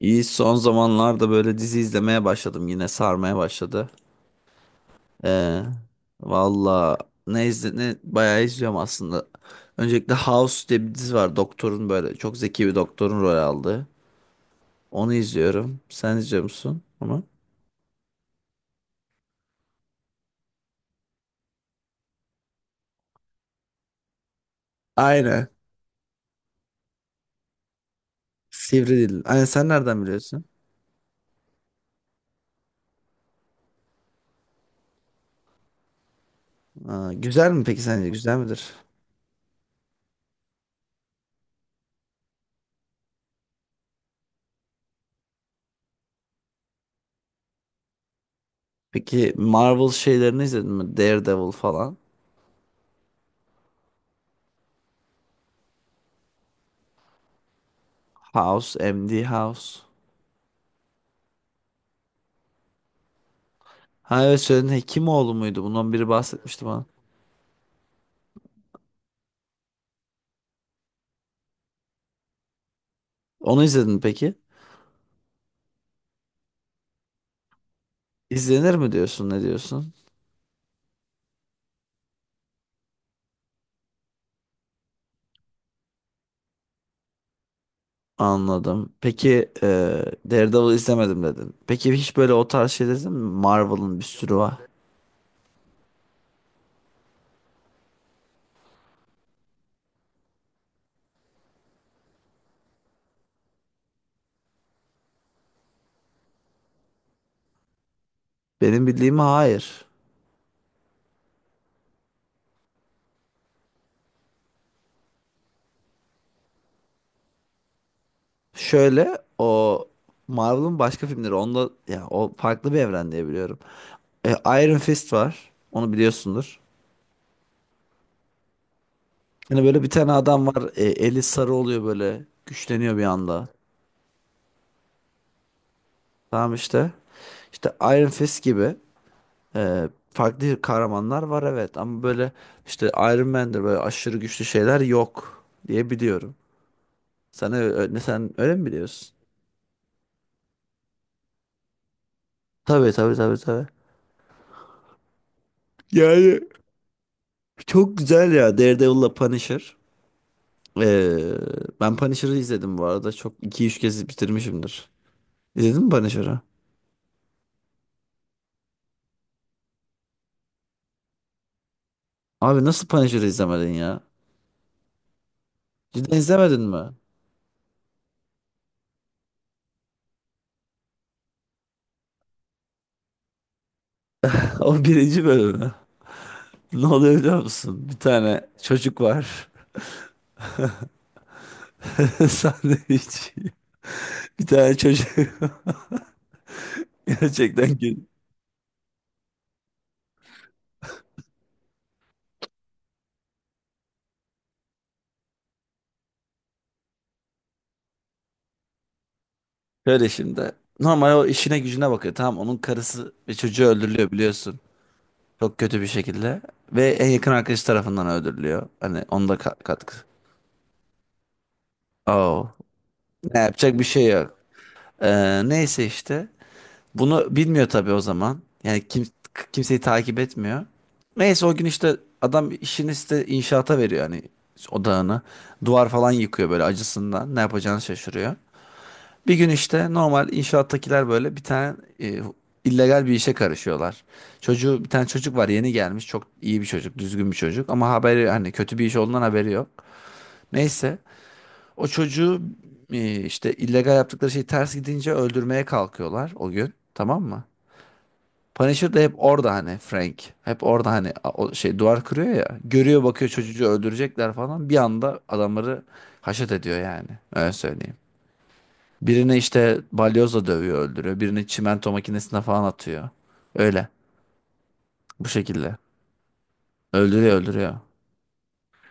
İyi son zamanlarda böyle dizi izlemeye başladım, yine sarmaya başladı. Ee, Valla ne izle, ne bayağı izliyorum aslında. Öncelikle House diye bir dizi var, doktorun, böyle çok zeki bir doktorun rol aldığı. Onu izliyorum. Sen izliyor musun onu? Aynen. Sivri dil. Aynen, sen nereden biliyorsun? Aa, güzel mi peki, sence güzel midir? Peki Marvel şeylerini izledin mi? Daredevil falan. House, MD House. Ha evet, söyledin, Hekimoğlu muydu? Bundan biri bahsetmişti. Onu izledin mi peki? İzlenir mi diyorsun, ne diyorsun? Anladım. Daredevil izlemedim dedin. Peki hiç böyle o tarz şey izledin mi? Marvel'ın bir sürü var. Benim bildiğim hayır. Şöyle o Marvel'ın başka filmleri onda, ya o farklı bir evren diye biliyorum. E, Iron Fist var. Onu biliyorsundur. Hani böyle bir tane adam var. Eli sarı oluyor böyle. Güçleniyor bir anda. Tamam işte. İşte Iron Fist gibi. Farklı kahramanlar var, evet, ama böyle işte Iron Man'dir, böyle aşırı güçlü şeyler yok diye biliyorum. Sen öyle mi biliyorsun? Tabii, tabii, tabii, tabii. Yani çok güzel ya Daredevil'la Punisher. Ee, Ben Punisher'ı izledim bu arada. Çok iki üç kez bitirmişimdir. İzledin mi Punisher'ı? Abi nasıl Punisher'ı izlemedin ya? Cidden izlemedin mi? O birinci bölümü. Ne oluyor biliyor musun? Bir tane çocuk var. Sandviç. Bir tane çocuk. Gerçekten ki. Şöyle şimdi. Normal o işine gücüne bakıyor. Tamam, onun karısı ve çocuğu öldürülüyor biliyorsun. Çok kötü bir şekilde. Ve en yakın arkadaşı tarafından öldürülüyor. Hani onda katkı. Oh. Ne yapacak bir şey yok. Neyse işte. Bunu bilmiyor tabii o zaman. Kimseyi takip etmiyor. Neyse, o gün işte adam işini işte inşaata veriyor, hani odağını. Duvar falan yıkıyor böyle acısından. Ne yapacağını şaşırıyor. Bir gün işte normal inşaattakiler böyle bir tane e, illegal bir işe karışıyorlar. Çocuğu, bir tane çocuk var, yeni gelmiş, çok iyi bir çocuk, düzgün bir çocuk, ama haberi, hani kötü bir iş olduğundan haberi yok. Neyse, o çocuğu işte illegal yaptıkları şey ters gidince öldürmeye kalkıyorlar o gün, tamam mı? Punisher de hep orada, hani Frank hep orada, hani o şey duvar kırıyor ya, görüyor, bakıyor, çocuğu öldürecekler falan, bir anda adamları haşet ediyor yani, öyle söyleyeyim. Birini işte balyozla dövüyor, öldürüyor. Birini çimento makinesine falan atıyor. Öyle. Bu şekilde. Öldürüyor, öldürüyor.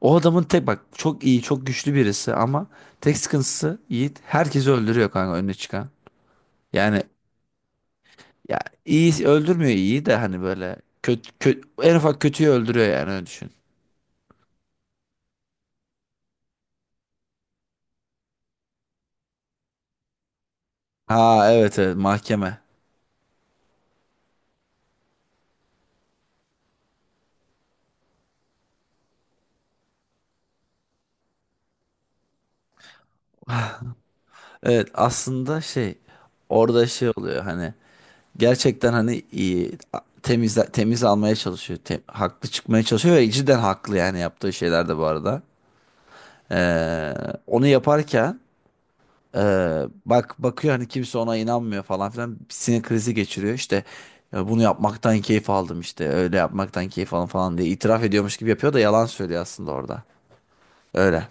O adamın tek, bak, çok iyi, çok güçlü birisi ama tek sıkıntısı Yiğit, herkesi öldürüyor kanka, önüne çıkan. Yani ya iyi öldürmüyor, iyi de hani böyle kötü en ufak kötüyü öldürüyor yani, öyle düşün. Ha evet, evet, mahkeme. Evet, aslında şey, orada şey oluyor, hani gerçekten hani iyi, temiz temiz almaya çalışıyor. Haklı çıkmaya çalışıyor ve cidden haklı yani yaptığı şeylerde bu arada. Ee, Onu yaparken bak bakıyor, hani kimse ona inanmıyor falan filan, sinir krizi geçiriyor. İşte "Ya bunu yapmaktan keyif aldım, işte öyle yapmaktan keyif aldım," falan diye itiraf ediyormuş gibi yapıyor da, yalan söylüyor aslında orada. Öyle.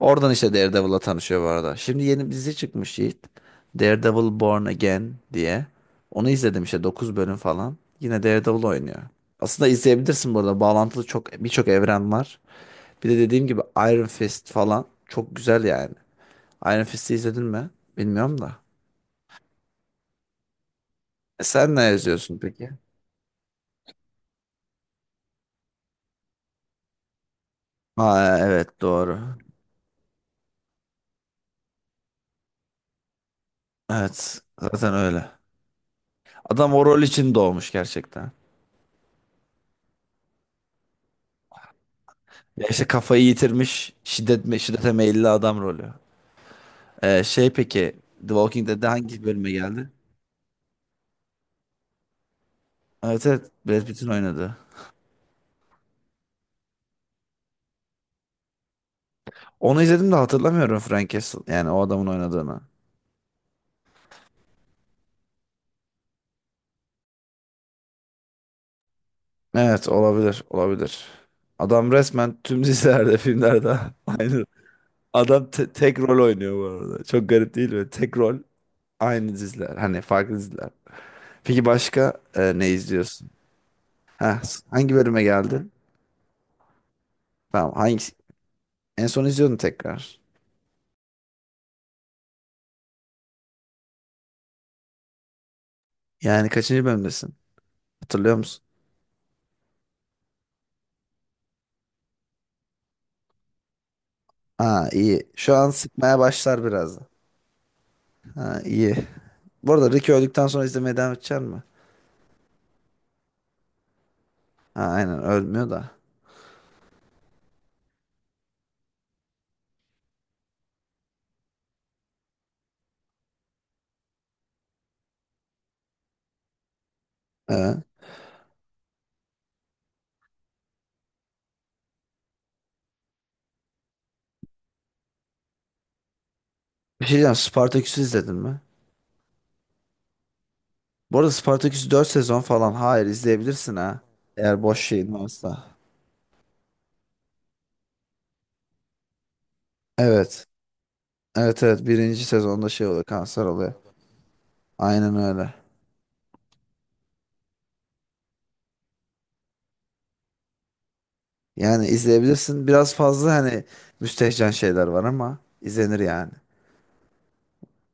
Oradan işte Daredevil'la tanışıyor bu arada. Şimdi yeni bir dizi çıkmış Yiğit. Daredevil Born Again diye. Onu izledim işte, 9 bölüm falan. Yine Daredevil oynuyor. Aslında izleyebilirsin bu arada. Bağlantılı çok, birçok evren var. Bir de dediğim gibi Iron Fist falan çok güzel yani. Iron Fist'i izledin mi? Bilmiyorum da. E sen ne yazıyorsun peki? Ha evet, doğru. Evet, zaten öyle. Adam o rol için doğmuş gerçekten. Ya işte kafayı yitirmiş, şiddete meyilli adam rolü. Şey peki The Walking Dead'de hangi bölüme geldi? Evet, evet, Brad Pitt'in oynadığı. Onu izledim de hatırlamıyorum Frank Castle yani, o adamın oynadığını. Evet, olabilir, olabilir. Adam resmen tüm dizilerde filmlerde aynı. Adam tek rol oynuyor bu arada. Çok garip değil mi? Tek rol, aynı diziler. Hani farklı diziler. Peki başka ne izliyorsun? Heh, hangi bölüme geldin? Tamam, hangi en son izliyordun tekrar. Yani kaçıncı bölümdesin? Hatırlıyor musun? Ha iyi. Şu an sıkmaya başlar biraz. Ha iyi. Bu arada Rick öldükten sonra izlemeye devam edecek mi? Ha aynen, ölmüyor da. Ee, Bir şey diyeceğim, Spartaküs'ü izledin mi? Bu arada Spartaküs 4 sezon falan. Hayır, izleyebilirsin ha. Eğer boş şeyin varsa. Evet. Evet, evet, birinci sezonda şey oluyor, kanser oluyor. Aynen öyle. Yani izleyebilirsin. Biraz fazla hani müstehcen şeyler var ama izlenir yani.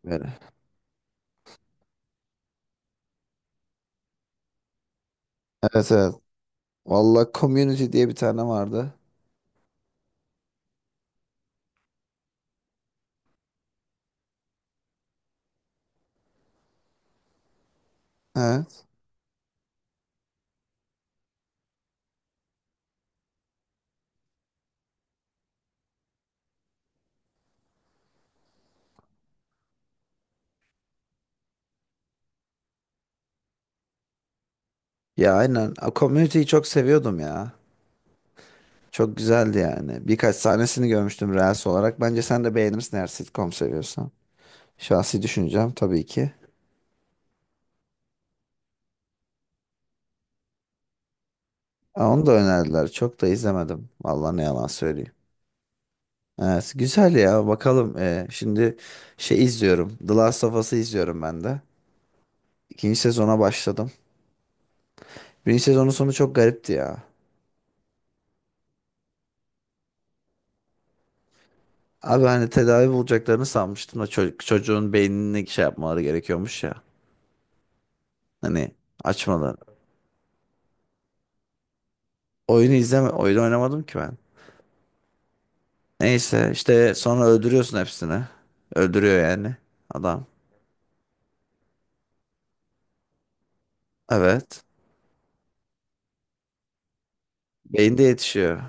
Böyle. Evet, evet. Valla Community diye bir tane vardı. Evet. Ya aynen. A, Community'yi çok seviyordum ya. Çok güzeldi yani. Birkaç sahnesini görmüştüm Reels olarak. Bence sen de beğenirsin, eğer sitcom seviyorsan. Şahsi düşüncem tabii ki. Aa, onu da önerdiler. Çok da izlemedim. Vallahi ne yalan söyleyeyim. Evet, güzel ya. Bakalım. Şimdi şey izliyorum. The Last of Us'ı izliyorum ben de. İkinci sezona başladım. Birinci sezonun sonu çok garipti ya. Abi hani tedavi bulacaklarını sanmıştım da, çocuğun beynini şey yapmaları gerekiyormuş ya. Hani açmaları. Oyunu izleme. Oyunu oynamadım ki ben. Neyse işte sonra öldürüyorsun hepsini. Öldürüyor yani adam. Evet. Beyinde yetişiyor.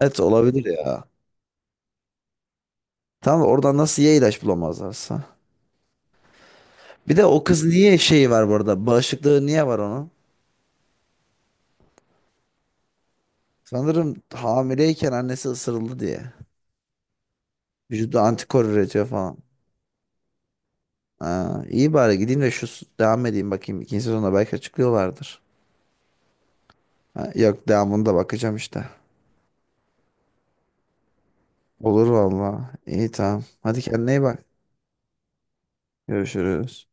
Evet, olabilir ya. Tamam, oradan nasıl, ya ilaç bulamazlarsa. Bir de o kız niye şeyi var bu arada? Bağışıklığı niye var onun? Sanırım hamileyken annesi ısırıldı diye. Vücudu antikor üretiyor falan. Ha, iyi, bari gideyim de şu devam edeyim, bakayım. İkinci sezonda belki açıklıyorlardır. Ha, yok, devamında bakacağım işte. Olur valla. İyi, tamam. Hadi kendine iyi bak. Görüşürüz.